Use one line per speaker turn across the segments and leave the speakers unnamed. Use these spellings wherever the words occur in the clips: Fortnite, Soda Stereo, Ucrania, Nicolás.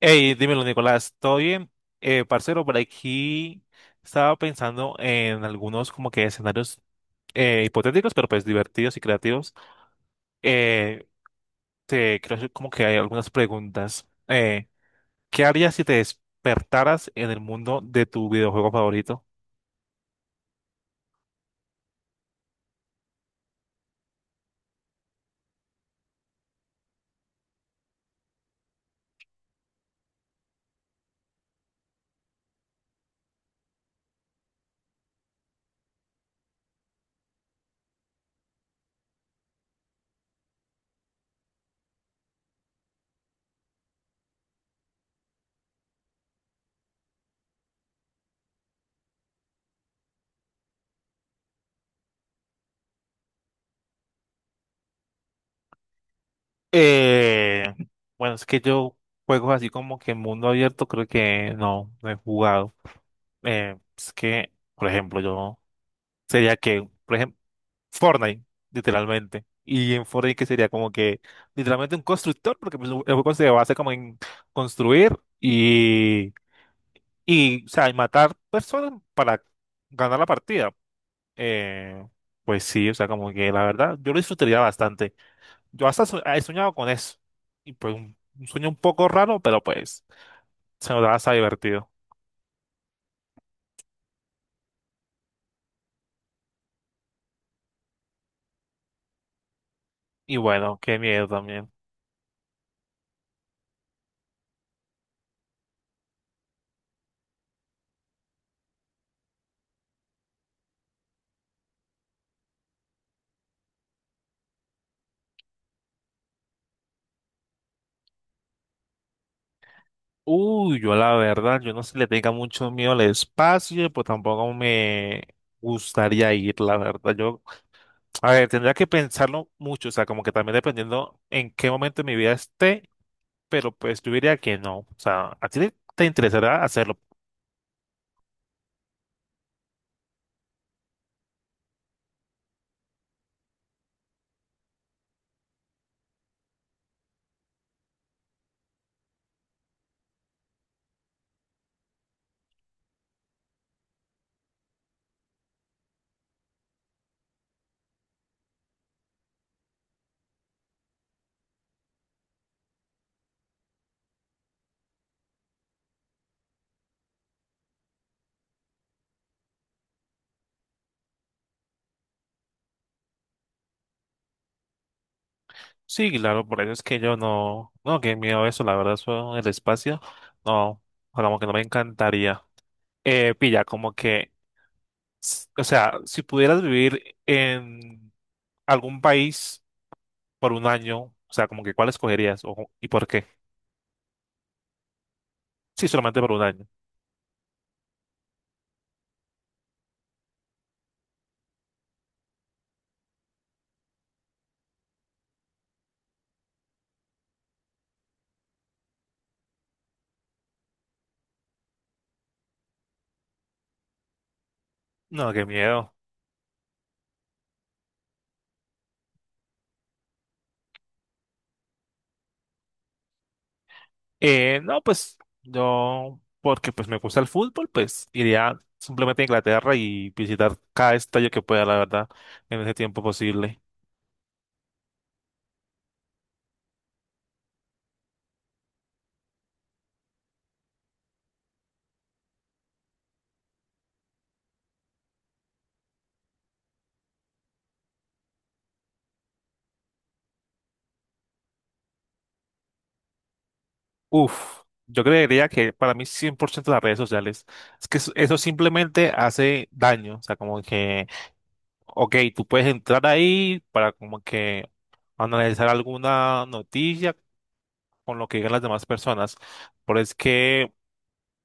Hey, dímelo, Nicolás, ¿todo bien? Parcero, por aquí estaba pensando en algunos como que escenarios hipotéticos, pero pues divertidos y creativos. Eh, Te creo que como que hay algunas preguntas. ¿Qué harías si te despertaras en el mundo de tu videojuego favorito? Eh, bueno, es que yo juegos así como que en mundo abierto creo que no, no he jugado. Es que, por ejemplo, yo sería que, por ejemplo, Fortnite, literalmente. Y en Fortnite que sería como que, literalmente un constructor, porque pues, el juego se basa como en construir y, o sea, y matar personas para ganar la partida. Eh, pues sí, o sea, como que la verdad, yo lo disfrutaría bastante. Yo hasta he soñado con eso. Y pues un sueño un poco raro, pero pues se nos da hasta divertido. Y bueno, qué miedo también. Uy, yo la verdad, yo no sé si le tenga mucho miedo al espacio, pues tampoco me gustaría ir, la verdad. Yo, a ver, tendría que pensarlo mucho, o sea, como que también dependiendo en qué momento de mi vida esté, pero pues yo diría que no. O sea, ¿a ti te interesará hacerlo? Sí, claro, por eso es que yo no, no, qué miedo eso, la verdad, eso, el espacio, no, como que no me encantaría. Pilla, como que, o sea, si pudieras vivir en algún país por un año, o sea, como que cuál escogerías o, y por qué. Sí, solamente por un año. No, qué miedo. No, pues yo, porque pues me gusta el fútbol, pues iría simplemente a Inglaterra y visitar cada estadio que pueda, la verdad, en ese tiempo posible. Uf, yo creería que para mí 100% las redes sociales, es que eso simplemente hace daño, o sea, como que, ok, tú puedes entrar ahí para como que analizar alguna noticia con lo que digan las demás personas, pero es que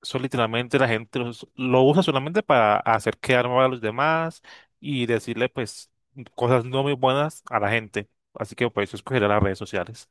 eso literalmente la gente lo usa solamente para hacer quedar mal a los demás y decirle pues cosas no muy buenas a la gente. Así que por eso escogeré las redes sociales.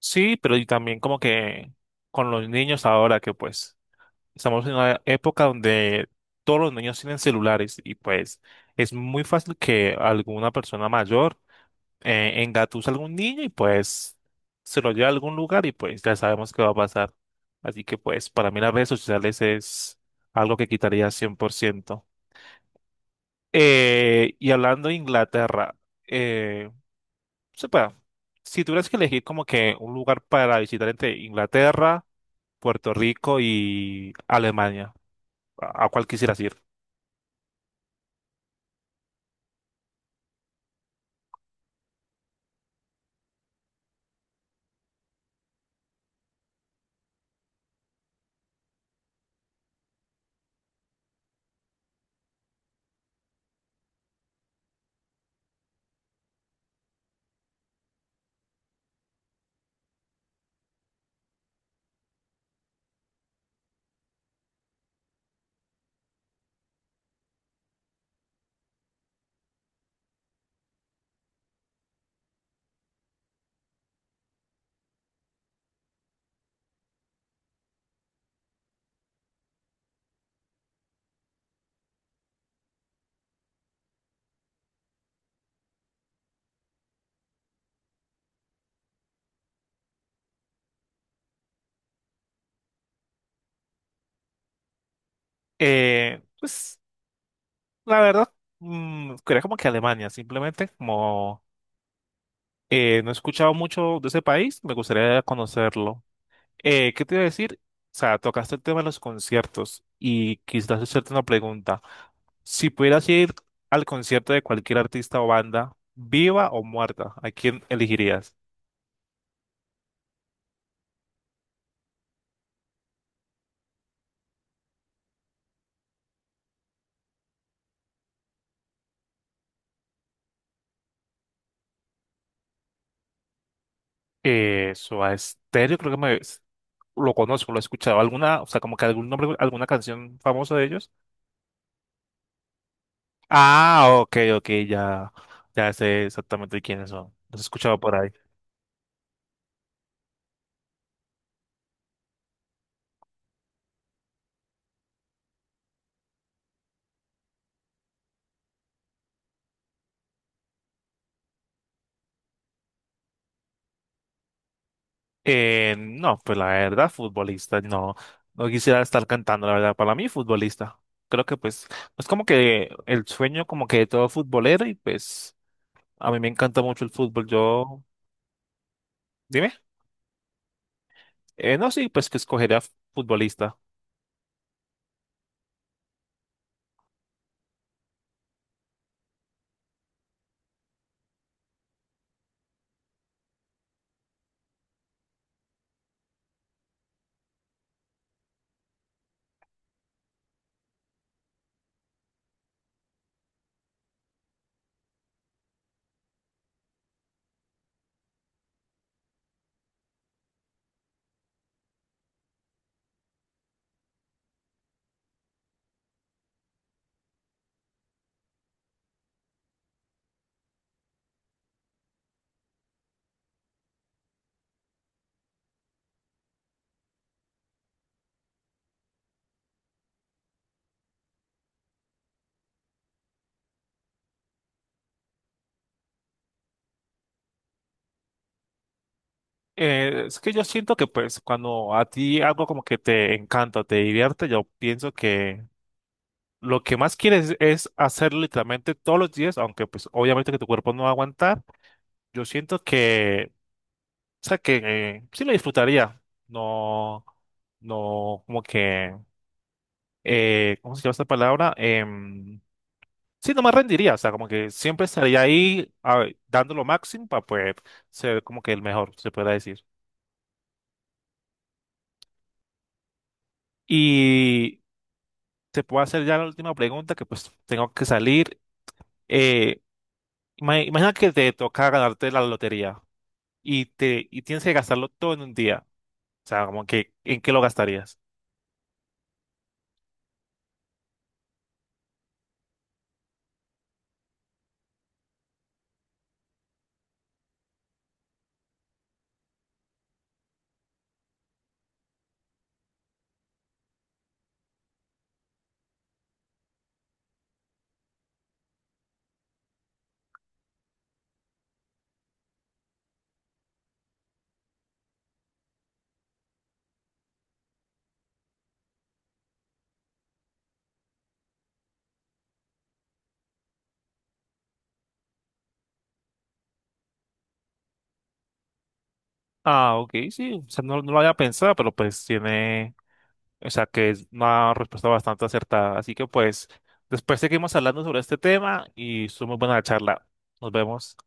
Sí, pero y también como que con los niños ahora que pues estamos en una época donde todos los niños tienen celulares y pues es muy fácil que alguna persona mayor engatusa a algún niño y pues se lo lleva a algún lugar y pues ya sabemos qué va a pasar. Así que pues para mí las redes sociales es algo que quitaría 100%. Y hablando de Inglaterra, eh, sepa, si tuvieras que elegir como que un lugar para visitar entre Inglaterra, Puerto Rico y Alemania, a cuál quisieras ir? Pues la verdad, mm, quería como que Alemania, simplemente como. No he escuchado mucho de ese país, me gustaría conocerlo. ¿Qué te iba a decir? O sea, tocaste el tema de los conciertos y quizás hacerte una pregunta. Si pudieras ir al concierto de cualquier artista o banda, viva o muerta, ¿a quién elegirías? Soda Stereo, creo que me, lo conozco, lo he escuchado. ¿Alguna, o sea, como que algún nombre, alguna canción famosa de ellos? Ah, ok, ok, ya, ya sé exactamente quiénes son. Los he escuchado por ahí. No, pues la verdad, futbolista, no, no quisiera estar cantando, la verdad, para mí futbolista. Creo que pues es como que el sueño como que de todo futbolero y pues a mí me encanta mucho el fútbol. Yo, dime, no, sí, pues que escogería futbolista. Es que yo siento que pues cuando a ti algo como que te encanta, te divierte, yo pienso que lo que más quieres es hacerlo literalmente todos los días, aunque pues obviamente que tu cuerpo no va a aguantar. Yo siento que. O sea que sí lo disfrutaría. No, no, como que, ¿cómo se llama esta palabra? Sí, no me rendiría. O sea, como que siempre estaría ahí dando lo máximo para poder ser como que el mejor, se puede decir. Y te puedo hacer ya la última pregunta, que pues tengo que salir. Eh, Imagina que te toca ganarte la lotería y tienes que gastarlo todo en un día. O sea, como que, ¿en qué lo gastarías? Ah, ok, sí. O sea, no, no lo había pensado, pero pues tiene. O sea que es una respuesta bastante acertada. Así que pues, después seguimos hablando sobre este tema y estuvo muy buena la charla. Nos vemos.